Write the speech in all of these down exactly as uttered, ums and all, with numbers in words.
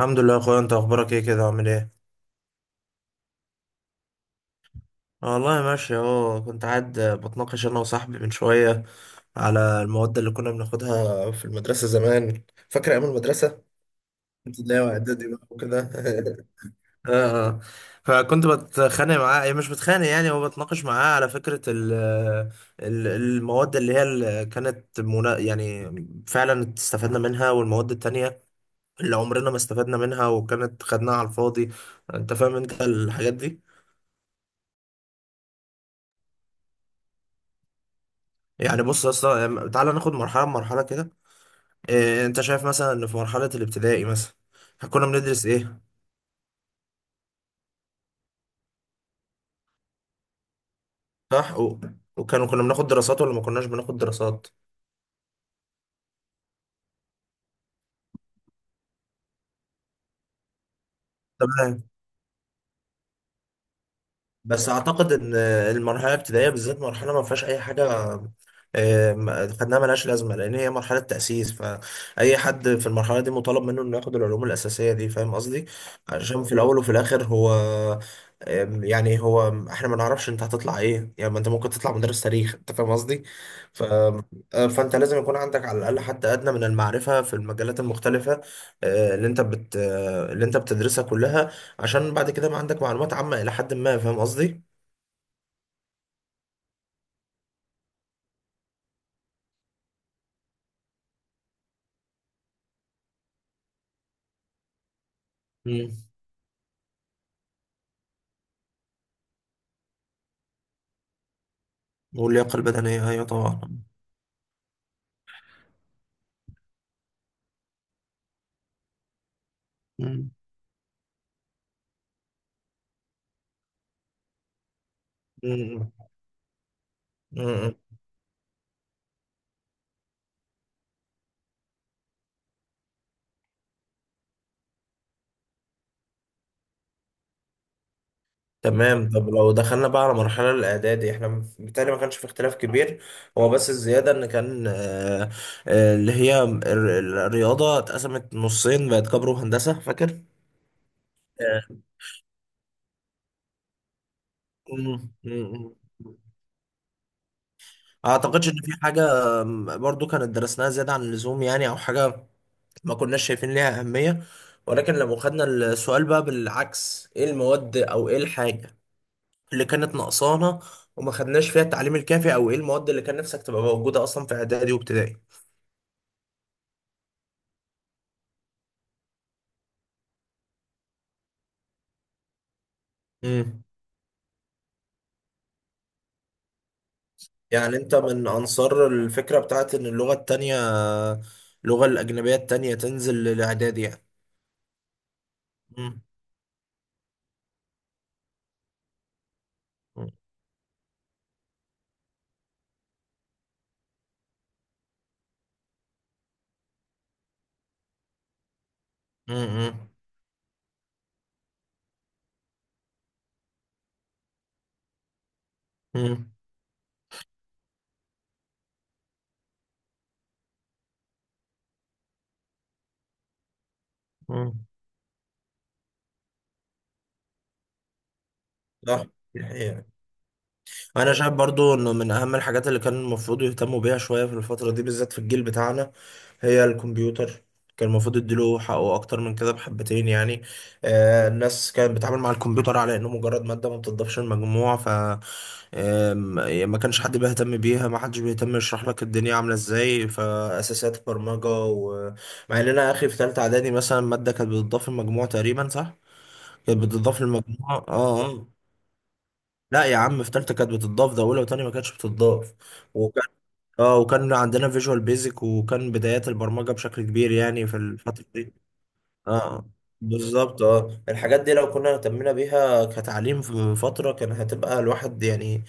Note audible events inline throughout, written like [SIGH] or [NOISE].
الحمد لله يا اخويا، انت اخبارك ايه كده؟ عامل ايه؟ آه والله ماشي اهو. كنت قاعد بتناقش انا وصاحبي من شويه على المواد اللي كنا بناخدها في المدرسه زمان. فاكر ايام المدرسه؟ ابتدائي واعدادي بقى وكده. [LAUGHS] اه، اه. فكنت بتخانق معاه، إيه، مش بتخانق، يعني هو بتناقش معاه على فكره ال ال- المواد اللي هي اللي كانت منا، يعني فعلا استفدنا منها، والمواد التانية اللي عمرنا ما استفدنا منها وكانت خدناها على الفاضي. انت فاهم انت الحاجات دي؟ يعني بص يا اسطى، تعالى ناخد مرحله مرحله كده. إيه، انت شايف مثلا ان في مرحله الابتدائي مثلا كنا بندرس ايه؟ صح، و... وكانوا كنا بناخد دراسات ولا ما كناش بناخد دراسات؟ تمام. بس اعتقد ان المرحله الابتدائيه بالذات مرحله ما فيهاش اي حاجه. آه، ما- خدناها ملهاش لازمه، لان هي مرحله تاسيس، فاي حد في المرحله دي مطالب منه انه ياخد العلوم الاساسيه دي. فاهم قصدي؟ عشان في الاول وفي الاخر هو، آم، يعني هو احنا ما نعرفش انت هتطلع ايه، يعني ما انت ممكن تطلع مدرس تاريخ. انت فاهم قصدي؟ ف... آه، فانت لازم يكون عندك على الاقل حتى ادنى من المعرفه في المجالات المختلفه، آه، اللي انت بت... آه، اللي انت بتدرسها كلها، عشان بعد كده بقى عندك معلومات عامة إلى حد ما. فاهم قصدي؟ مم. واللياقة البدنية، أيوة طبعا. مم. مم. مم. تمام. طب لو دخلنا بقى على مرحلة الإعدادي، إحنا بالتالي ما كانش في اختلاف كبير، هو بس الزيادة إن كان، آه، آه، اللي هي الر- الرياضة اتقسمت نصين، بقت كبر وهندسة. فاكر؟ آه. مم. مم. أعتقدش إن في حاجة آم، برضو كانت درسناها زيادة عن اللزوم، يعني أو حاجة ما كناش شايفين ليها أهمية. ولكن لو خدنا السؤال بقى بالعكس، ايه المواد او ايه الحاجة اللي كانت ناقصانا وما خدناش فيها التعليم الكافي، او ايه المواد اللي كان نفسك تبقى موجودة اصلا في اعدادي وابتدائي؟ امم. يعني انت من انصار الفكرة بتاعت ان اللغة التانية، اللغة الاجنبية التانية تنزل للاعدادي يعني. مم. مم. مم. مم. مم. صح. دي حقيقة. انا شايف برضو انه من اهم الحاجات اللي كان المفروض يهتموا بيها شوية في الفترة دي بالذات في الجيل بتاعنا هي الكمبيوتر. كان المفروض يديله حقه اكتر من كده بحبتين يعني. آه، الناس كانت بتتعامل مع الكمبيوتر على انه مجرد مادة ما بتضافش المجموع. ف آم، يعني ما كانش حد بيهتم بيها، ما حدش بيهتم يشرح لك الدنيا عاملة ازاي، فاساسيات البرمجة و... مع ان انا اخي في تالتة اعدادي مثلا، مادة كانت بتضاف المجموع تقريبا، صح؟ كانت بتضاف المجموع، اه. لا يا عم، في تالتة كانت بتضاف، ده اولى وتانية ما كانتش بتضاف. وكان اه وكان عندنا فيجوال بيزك، وكان بدايات البرمجة بشكل كبير يعني في الفترة دي. اه، بالظبط، اه، الحاجات دي لو كنا اهتمينا بيها كتعليم في فترة، كان هتبقى الواحد يعني،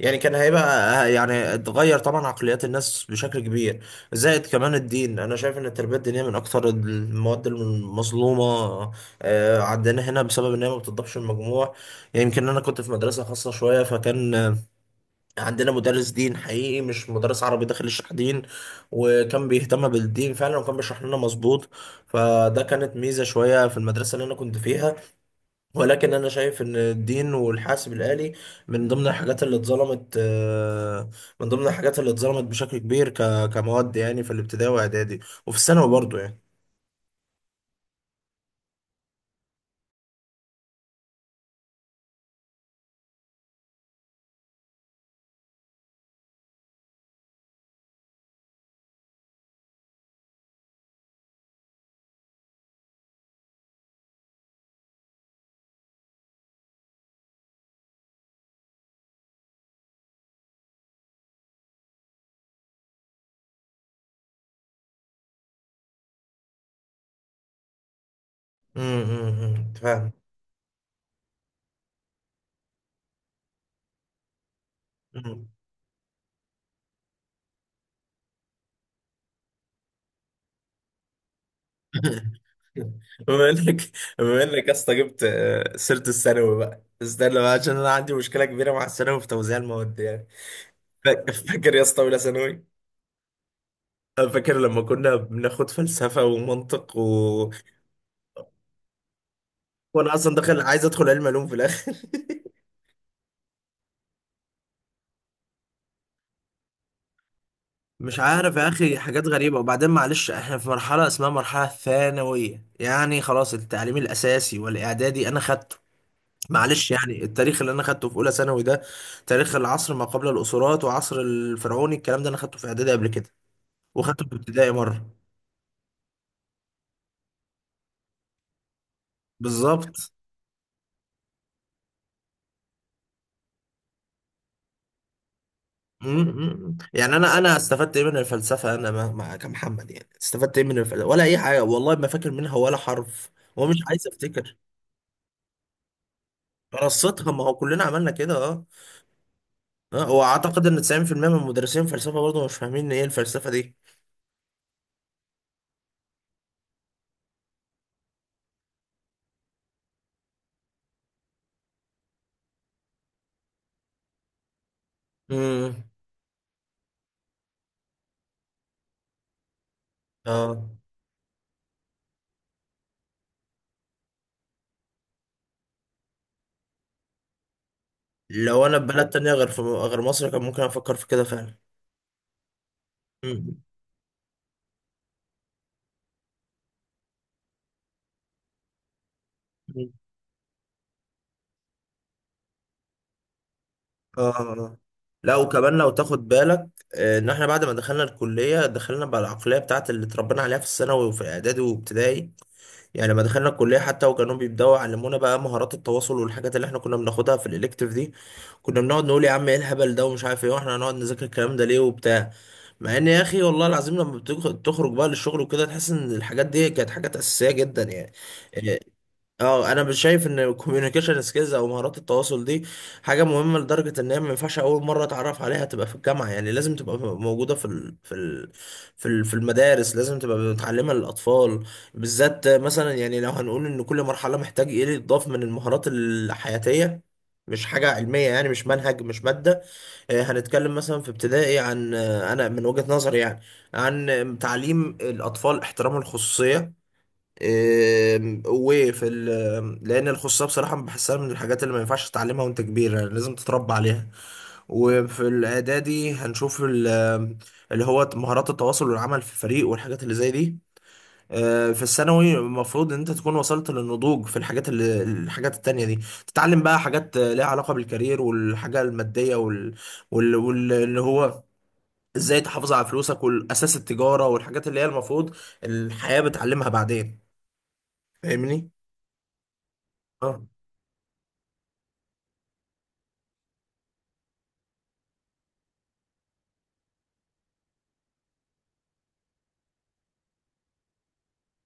يعني كان هيبقى، آه، يعني اتغير طبعا عقليات الناس بشكل كبير. زائد كمان الدين، انا شايف ان التربية الدينية من اكثر المواد المظلومة آه، عندنا هنا، بسبب ان هي ما بتضافش المجموع. يمكن، يعني انا كنت في مدرسة خاصة شوية، فكان عندنا مدرس دين حقيقي، مش مدرس عربي داخل يشرح دين، وكان بيهتم بالدين فعلا، وكان بيشرح لنا مظبوط، فده كانت ميزة شوية في المدرسة اللي أنا كنت فيها. ولكن أنا شايف إن الدين والحاسب الآلي من ضمن الحاجات اللي اتظلمت، آه، من ضمن الحاجات اللي اتظلمت بشكل كبير ك- كمواد يعني، في الابتدائي وإعدادي، وفي الثانوي برضه يعني. امم أمم، أمم، أنت فاهم؟ [LAUGHS] بما انك بما انك يا اسطى جبت آه، سيره الثانوي بقى، استنى بقى، عشان انا عندي مشكله كبيره مع الثانوي في توزيع المواد يعني. فاك- فاكر يا اسطى اولى ثانوي؟ أنا فاكر لما كنا بناخد فلسفه ومنطق و... وانا اصلا داخل عايز ادخل علم علوم في الاخر. [LAUGHS] مش عارف يا اخي، حاجات غريبه. وبعدين معلش، احنا في مرحله اسمها مرحله ثانويه، يعني خلاص، التعليم الاساسي والاعدادي انا خدته. معلش، يعني التاريخ اللي انا خدته في اولى ثانوي ده، تاريخ العصر ما قبل الاسرات وعصر الفرعوني، الكلام ده انا خدته في اعدادي قبل كده، وخدته في ابتدائي مره. بالظبط. م- م- م. يعني انا انا استفدت ايه من الفلسفه؟ انا ما ما كمحمد، يعني استفدت ايه من الفلسفه ولا اي حاجه؟ والله ما فاكر منها ولا حرف، ومش عايز افتكر. رصتها، ما هو كلنا عملنا كده، اه. آه، واعتقد ان تسعين في المية من مدرسين الفلسفه برضه مش فاهمين ايه الفلسفه دي. امم اه لو انا في بلد تانية، غير في غير مصر، كان ممكن افكر في كده فعلا. مم. مم. اه. آه. لا، وكمان لو تاخد بالك آه، ان احنا بعد ما دخلنا الكليه دخلنا بالعقليه بتاعت اللي اتربينا عليها في الثانوي وفي اعدادي وابتدائي. يعني لما دخلنا الكليه حتى، وكانوا بيبداوا يعلمونا بقى مهارات التواصل والحاجات اللي احنا كنا بناخدها في الالكتيف دي، كنا بنقعد نقول يا عم ايه الهبل ده ومش عارف ايه، واحنا هنقعد نذاكر الكلام ده ليه وبتاع. مع ان، يا اخي والله العظيم، لما بتخ- بتخرج بقى للشغل وكده تحس ان الحاجات دي كانت حاجات اساسيه جدا يعني. اه، انا مش شايف ان الكوميونيكيشن سكيلز او مهارات التواصل دي حاجه مهمه لدرجه ان هي ما ينفعش اول مره اتعرف عليها تبقى في الجامعه. يعني لازم تبقى موجوده في ال في ال في ال في المدارس، لازم تبقى متعلمه للاطفال بالذات. مثلا يعني، لو هنقول ان كل مرحله محتاج ايه اللي يتضاف من المهارات الحياتيه، مش حاجة علمية يعني، مش منهج، مش مادة. آه، هنتكلم مثلا في ابتدائي عن، آه، أنا من وجهة نظري يعني، عن تعليم الأطفال احترام الخصوصية. إيه، وفي ال- لان الخصوصيه بصراحه بحسها من الحاجات اللي ما ينفعش تتعلمها وانت كبير، يعني لازم تتربى عليها. وفي الاعدادي هنشوف ال- اللي هو مهارات التواصل والعمل في فريق والحاجات اللي زي دي. آه، في الثانوي المفروض ان انت تكون وصلت للنضوج في الحاجات اللي الحاجات التانية دي. تتعلم بقى حاجات آه، ليها علاقة بالكارير والحاجة المادية، وال... وال... وال... اللي هو ازاي تحافظ على فلوسك، والاساس التجارة، والحاجات اللي هي المفروض الحياة بتعلمها بعدين. فاهمني؟ اه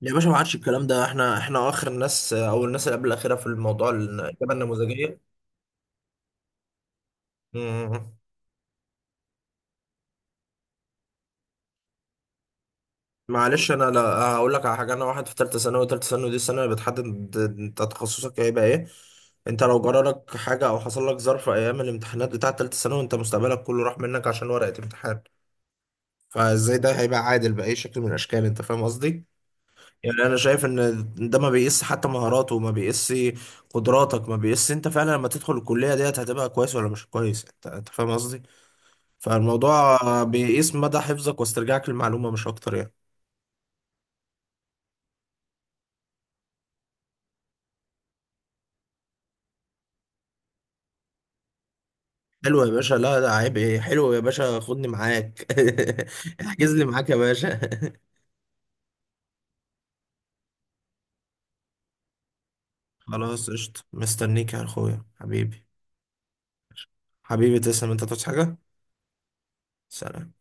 يا باشا، ما عادش الكلام ده. احنا احنا اخر الناس، او الناس اللي قبل الاخيره في الموضوع الاجابه النموذجيه. مم. معلش انا، لا، هقول لك على حاجه. انا واحد في ثالثه ثانوي، ثالثه ثانوي دي السنه اللي بتحدد انت تخصصك هيبقى ايه. انت لو جرالك حاجه او حصل لك ظرف ايام الامتحانات بتاعه ثالثه ثانوي، انت مستقبلك كله راح منك عشان ورقه امتحان. فازاي ده هيبقى عادل باي شكل من الاشكال؟ انت فاهم قصدي؟ يعني انا شايف ان ده ما بيقيس حتى مهاراته، ما بيقيس قدراتك، ما بيقيس انت فعلا لما تدخل الكليه ديت هتبقى كويس ولا مش كويس. انت انت فاهم قصدي؟ فالموضوع بيقيس مدى حفظك واسترجاعك للمعلومه مش اكتر يعني. حلو يا باشا، لا ده عيب ايه، حلو يا باشا، خدني معاك. [LAUGHS] احجز لي معاك يا باشا. [LAUGHS] خلاص قشطه، مستنيك يا اخويا حبيبي. حبيبي تسلم، انت تصحى حاجه. سلام.